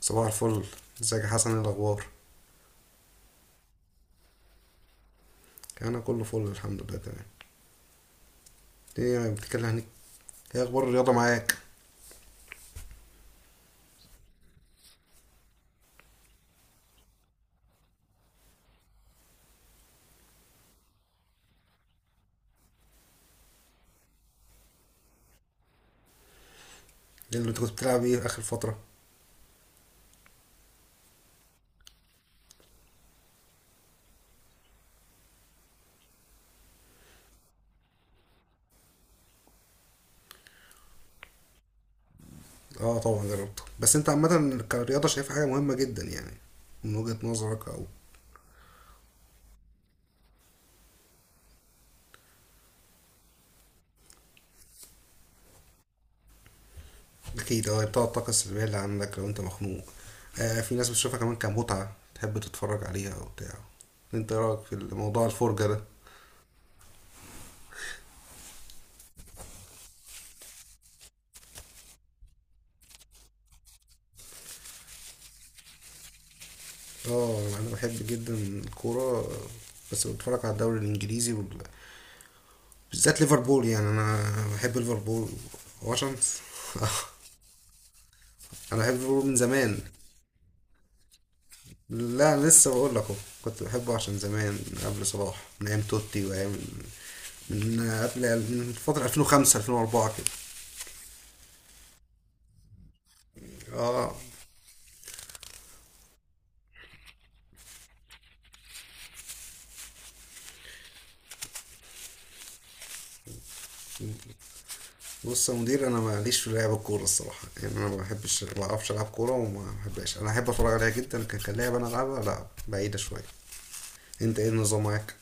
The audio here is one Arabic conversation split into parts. صباح الفل. ازيك يا حسن؟ ايه الاخبار؟ انا كله فل الحمد لله تمام. ايه يعني بتتكلم عن ايه؟ إيه اخبار الرياضه معاك؟ إيه اللي انت كنت بتلعب ايه اخر فتره؟ اه طبعا جربته، بس انت عامه كرياضه شايف حاجه مهمه جدا يعني، من وجهه نظرك او... اكيد، اه بتاع الطاقه السلبيه اللي عندك لو انت مخنوق. آه، في ناس بتشوفها كمان كمتعه، تحب تتفرج عليها او بتاع. انت إيه رايك في موضوع الفرجه ده؟ اه انا بحب جدا الكوره، بس بتفرج على الدوري الانجليزي بالذات ليفربول، يعني انا بحب ليفربول. هو عشان انا بحب ليفربول من زمان. لا، لسه بقول لك اهو. كنت بحبه عشان زمان، من قبل صلاح، من ايام توتي، وايام من قبل، من فترة 2005 2004 كده. اه. بص يا مدير، انا ماليش في لعب الكوره الصراحه، يعني انا ما بحبش، ما بعرفش العب كوره وما بحبش، انا احب اتفرج عليها جدا. كان لعب، انا العبها لا، بعيده شويه. انت ايه النظام معاك؟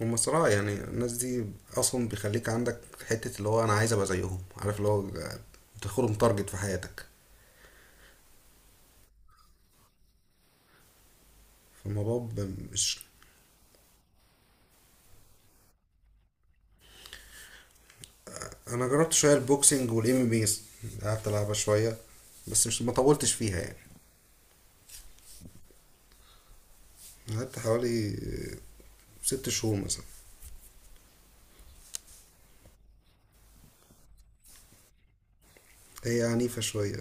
هم صراحة يعني الناس دي أصلا بيخليك عندك حتة اللي هو أنا عايز أبقى زيهم، عارف اللي هو بتاخدهم تارجت في حياتك. فالموضوع مش... أنا جربت شوية البوكسنج والإم ام بيز، قعدت ألعبها شوية، بس مش، ما طولتش فيها يعني. قعدت حوالي ست شهور مثلا. هي عنيفة شوية.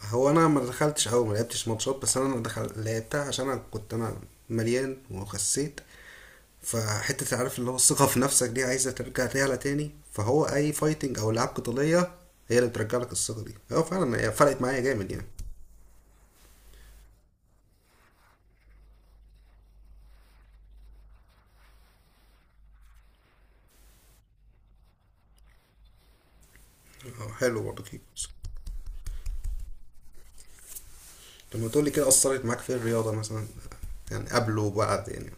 هو أنا ما دخلتش أوي، ما لعبتش ماتشات، بس لعبتها عشان أنا كنت أنا مليان وخسيت. فحتة عارف اللي هو الثقة في نفسك دي عايزة ترجع تعلى تاني، فهو أي فايتنج أو ألعاب قتالية هي اللي بترجع لك الثقة دي، هو فعلا هي فرقت معايا جامد يعني. اه حلو برضه كيكو. لما تقولي كده أثرت معاك في الرياضة مثلا، يعني قبل وبعد يعني،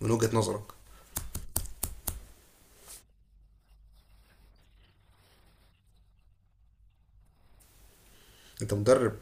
من وجهة نظرك. أنت مدرب.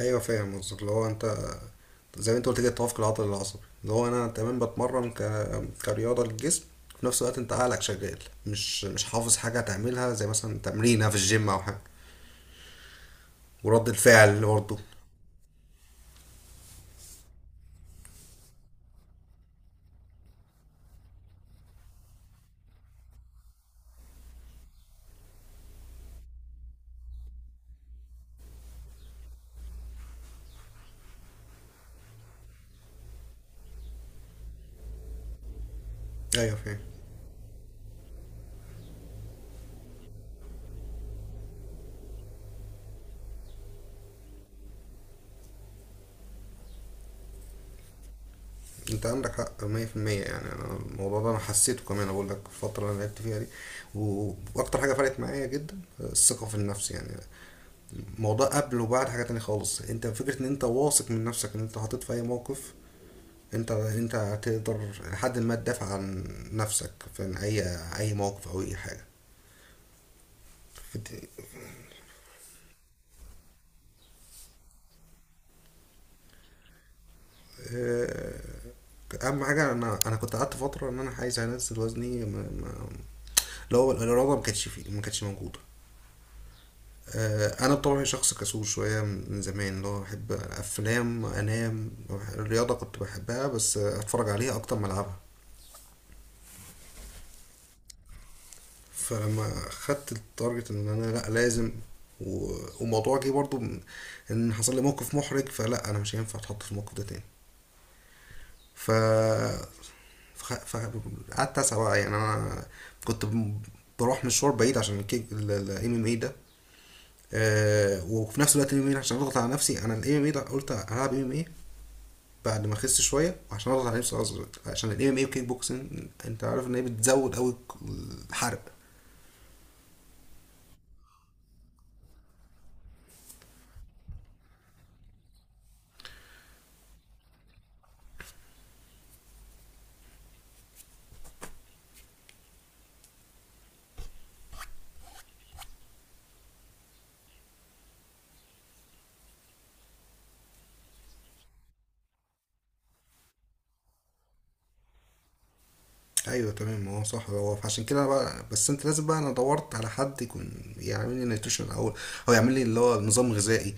أيوة فاهم قصدك، اللي هو أنت زي ما أنت قلت كده التوافق العضلي العصبي، اللي هو أنا تمام بتمرن كرياضة للجسم، في نفس الوقت أنت عقلك شغال، مش حافظ حاجة تعملها زي مثلا تمرينة في الجيم أو حاجة. ورد الفعل برضه. ايوه فاهم. انت عندك حق 100%، يعني انا الموضوع ده انا حسيته كمان، اقول لك في الفتره اللي أنا لعبت فيها دي، واكتر حاجه فرقت معايا جدا الثقه في النفس يعني. الموضوع قبل وبعد حاجه تانية خالص، انت فكره ان انت واثق من نفسك، ان انت حاطط في اي موقف انت هتقدر لحد ما تدافع عن نفسك في اي موقف او اي حاجه. فدي- آه، اهم حاجه، انا كنت قعدت فتره ان انا عايز انزل وزني، ما ما اللي هو الاراده ما كانتش فيه، ما كانتش موجوده. انا بطبعي شخص كسول شويه من زمان، اللي هو احب افلام انام. الرياضه كنت بحبها بس اتفرج عليها اكتر ما العبها. فلما خدت التارجت ان انا لا لازم، وموضوع جه برضو ان حصل لي موقف محرج، فلا انا مش هينفع اتحط في الموقف ده تاني. ف فقعدت اسعى بقى، يعني انا كنت ب- بروح مشوار بعيد عشان الكيك الام ام اي ده. وفي نفس الوقت الام ام اي عشان اضغط على نفسي، انا الام ام اي ده قلت هلعب ام ام اي بعد ما اخس شويه، وعشان اضغط على نفسي اصغر عشان الام ام اي والكيك بوكسنج. انت عارف ان هي بتزود قوي الحرق. ايوه تمام، هو صح، هو عشان كده أنا بقى، بس انت لازم بقى. انا دورت على حد يكون يعمل لي نيوتريشن او او يعمل لي اللي هو نظام غذائي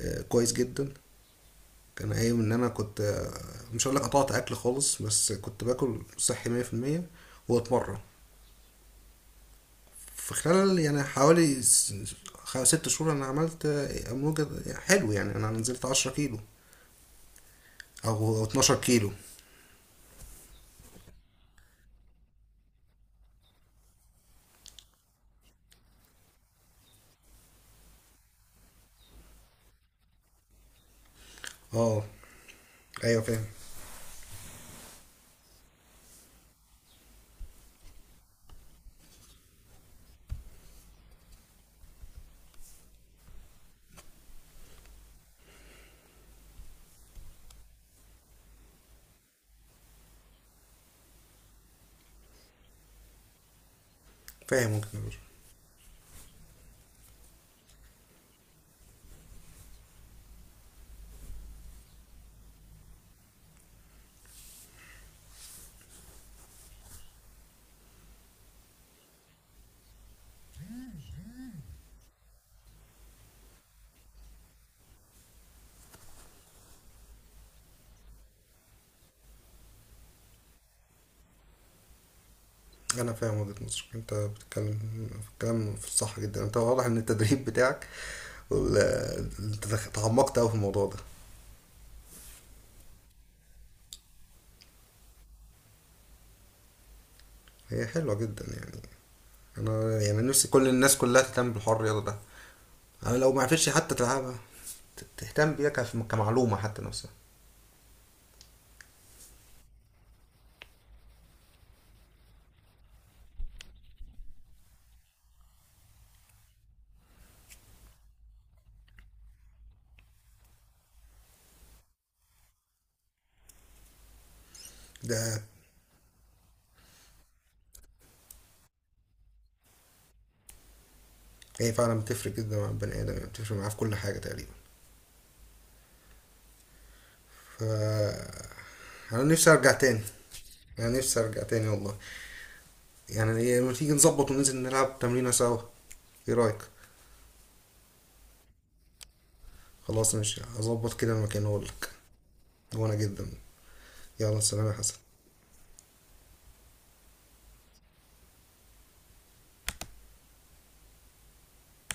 كويس جدا. كان قايم ان انا كنت، مش هقولك قطعت اكل خالص، بس كنت باكل صحي مية في المية واتمرن. في خلال يعني حوالي ست شهور انا عملت اموجة حلو، يعني انا نزلت عشرة كيلو او أو اتناشر كيلو. اه. ايوه فاهم. فاهم وجهة نظرك. انا فاهم وجهة نظرك، انت بتتكلم في الكلام في الصح جدا، انت واضح ان التدريب بتاعك وال- انت تعمقت اوي في الموضوع ده. هي حلوة جدا يعني، انا يعني نفسي كل الناس كلها تهتم بالحوار الرياضة ده. أنا لو ما عرفتش حتى تلعبها تهتم بيها كمعلومة حتى نفسها. ده هي فعلا بتفرق جدا مع البني آدم، يعني بتفرق معاه في كل حاجة تقريبا. فأنا نفسي أرجع تاني، أنا نفسي أرجع تاني والله. يعني إيه، لما تيجي نظبط وننزل نلعب تمرينة سوا؟ إيه رأيك؟ خلاص ماشي، هظبط كده مكان أقولك. وأنا جدا. يلا سلام يا حسن.